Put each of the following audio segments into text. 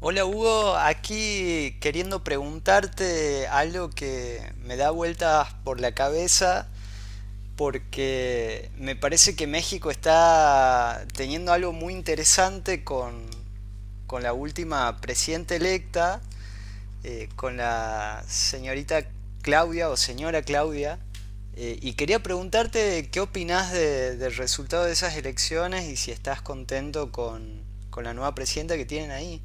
Hola Hugo, aquí queriendo preguntarte algo que me da vueltas por la cabeza porque me parece que México está teniendo algo muy interesante con la última presidenta electa, con la señorita Claudia o señora Claudia. Y quería preguntarte qué opinás del resultado de esas elecciones y si estás contento con la nueva presidenta que tienen ahí.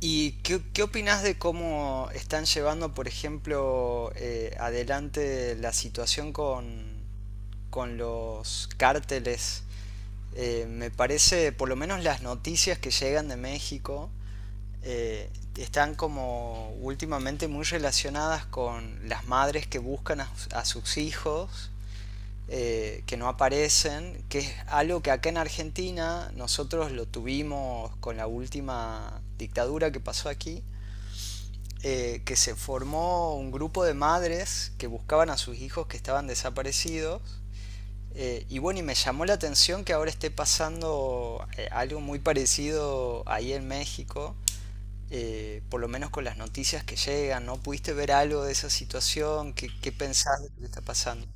¿Y qué opinás de cómo están llevando, por ejemplo, adelante la situación con los cárteles? Me parece, por lo menos las noticias que llegan de México, eh, están como últimamente muy relacionadas con las madres que buscan a sus hijos, que no aparecen, que es algo que acá en Argentina nosotros lo tuvimos con la última dictadura que pasó aquí, que se formó un grupo de madres que buscaban a sus hijos que estaban desaparecidos. Y bueno, y me llamó la atención que ahora esté pasando algo muy parecido ahí en México, por lo menos con las noticias que llegan, ¿no? ¿Pudiste ver algo de esa situación? ¿Qué, qué pensás de lo que está pasando?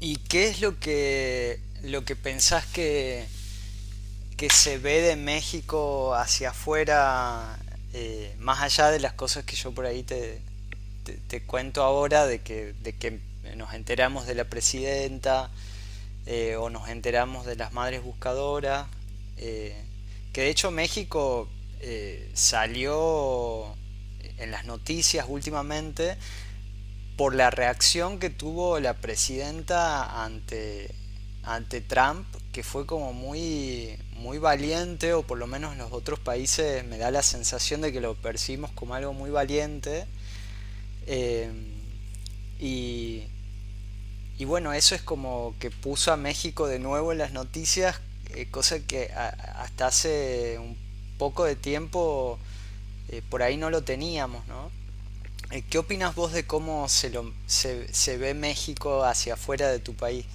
¿Y qué es lo lo que pensás que se ve de México hacia afuera, más allá de las cosas que yo por ahí te cuento ahora, de de que nos enteramos de la presidenta o nos enteramos de las madres buscadoras, eh, que de hecho México salió en las noticias últimamente por la reacción que tuvo la presidenta ante Trump, que fue como muy, muy valiente, o por lo menos en los otros países me da la sensación de que lo percibimos como algo muy valiente. Eh, y, y, bueno, eso es como que puso a México de nuevo en las noticias, cosa que hasta hace un poco de tiempo por ahí no lo teníamos, ¿no? ¿Qué opinas vos de cómo se ve México hacia afuera de tu país?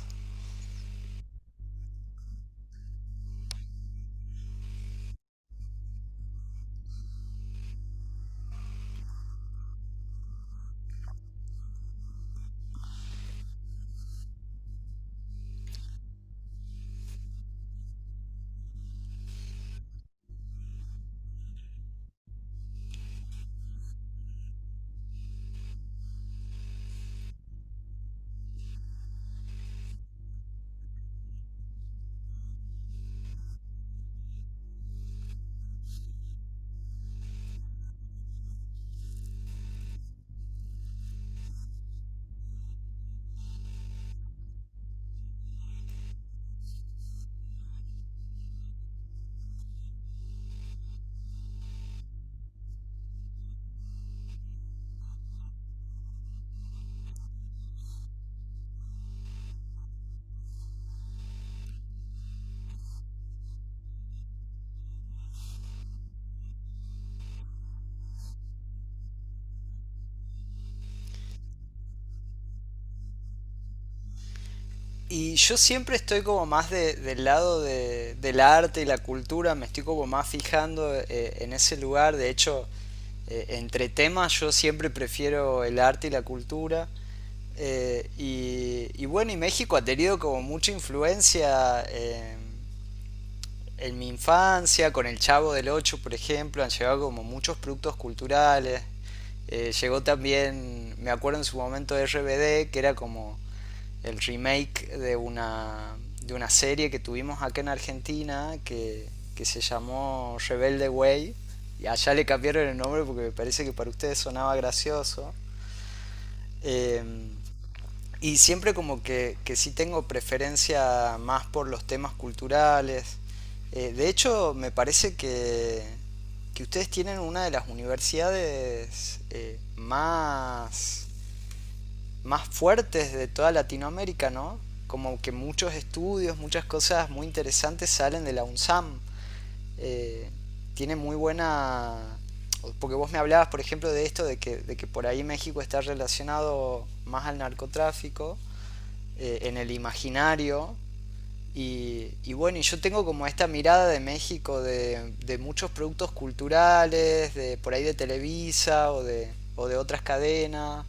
Y yo siempre estoy como más del lado del arte y la cultura, me estoy como más fijando en ese lugar. De hecho, entre temas yo siempre prefiero el arte y la cultura. Y bueno, y México ha tenido como mucha influencia en mi infancia, con el Chavo del ocho, por ejemplo, han llegado como muchos productos culturales. Llegó también, me acuerdo en su momento de RBD, que era como el remake de una serie que tuvimos acá en Argentina que se llamó Rebelde Way. Y allá le cambiaron el nombre porque me parece que para ustedes sonaba gracioso. Eh, y siempre como que sí tengo preferencia más por los temas culturales. De hecho, me parece que ustedes tienen una de las universidades más fuertes de toda Latinoamérica, ¿no? Como que muchos estudios, muchas cosas muy interesantes salen de la UNSAM. Eh, tiene muy buena... Porque vos me hablabas, por ejemplo, de esto, de de que por ahí México está relacionado más al narcotráfico en el imaginario. Y bueno, y yo tengo como esta mirada de México, de muchos productos culturales, de por ahí de Televisa o de otras cadenas.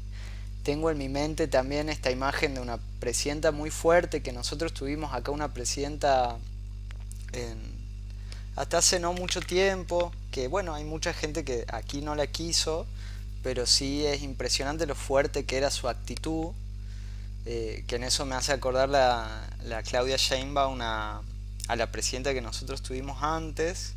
Tengo en mi mente también esta imagen de una presidenta muy fuerte, que nosotros tuvimos acá una presidenta en- hasta hace no mucho tiempo, que bueno, hay mucha gente que aquí no la quiso, pero sí es impresionante lo fuerte que era su actitud que en eso me hace acordar la Claudia Sheinbaum una a la presidenta que nosotros tuvimos antes,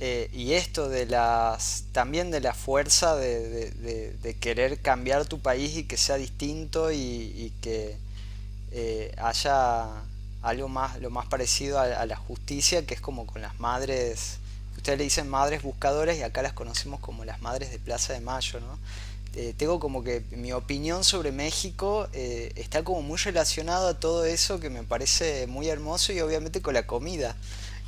y esto de las también de la fuerza de querer cambiar tu país y que sea distinto y que haya algo más lo más parecido a la justicia, que es como con las madres ustedes le dicen madres buscadoras y acá las conocemos como las madres de Plaza de Mayo, ¿no? Tengo como que mi opinión sobre México está como muy relacionado a todo eso que me parece muy hermoso y obviamente con la comida.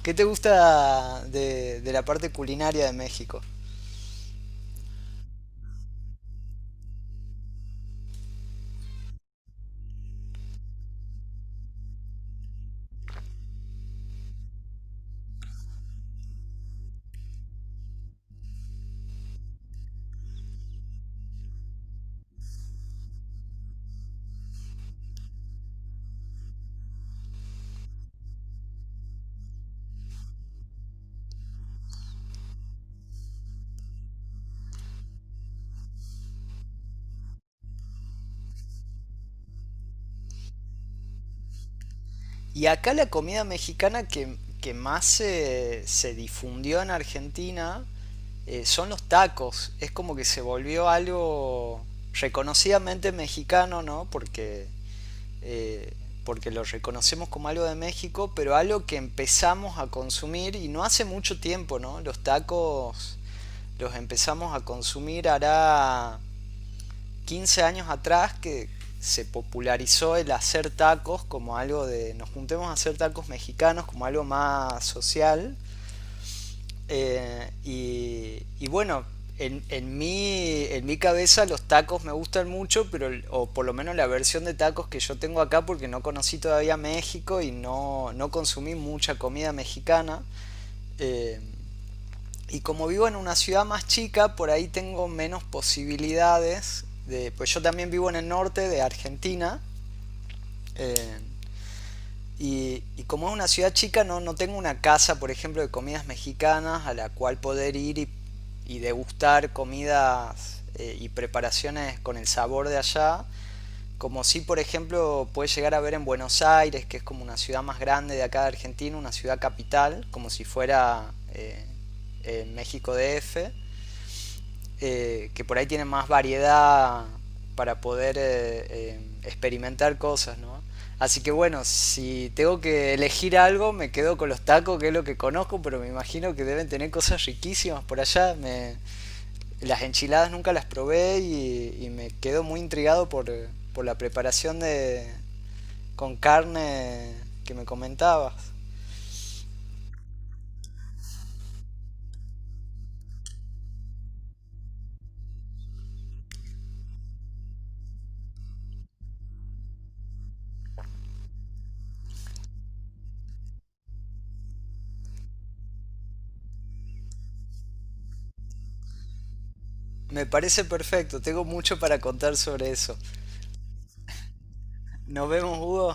¿Qué te gusta de la parte culinaria de México? Y acá la comida mexicana que más se difundió en Argentina son los tacos. Es como que se volvió algo reconocidamente mexicano, ¿no? Porque, eh, porque lo reconocemos como algo de México, pero algo que empezamos a consumir y no hace mucho tiempo, ¿no? Los tacos los empezamos a consumir hará 15 años atrás que se popularizó el hacer tacos como algo de nos juntemos a hacer tacos mexicanos como algo más social. Y bueno en mi cabeza los tacos me gustan mucho, pero o por lo menos la versión de tacos que yo tengo acá porque no conocí todavía México y no consumí mucha comida mexicana. Eh, y como vivo en una ciudad más chica, por ahí tengo menos posibilidades. De, pues yo también vivo en el norte de Argentina. eh, y como es una ciudad chica, no tengo una casa, por ejemplo, de comidas mexicanas a la cual poder ir y degustar comidas y preparaciones con el sabor de allá. Como si, por ejemplo, puedes llegar a ver en Buenos Aires, que es como una ciudad más grande de acá de Argentina, una ciudad capital, como si fuera México DF, que por ahí tienen más variedad para poder experimentar cosas, ¿no? Así que bueno, si tengo que elegir algo, me quedo con los tacos, que es lo que conozco, pero me imagino que deben tener cosas riquísimas por allá. Me, las enchiladas nunca las probé y me quedo muy intrigado por la preparación de, con carne que me comentabas. Me parece perfecto, tengo mucho para contar sobre eso. Nos vemos, Hugo.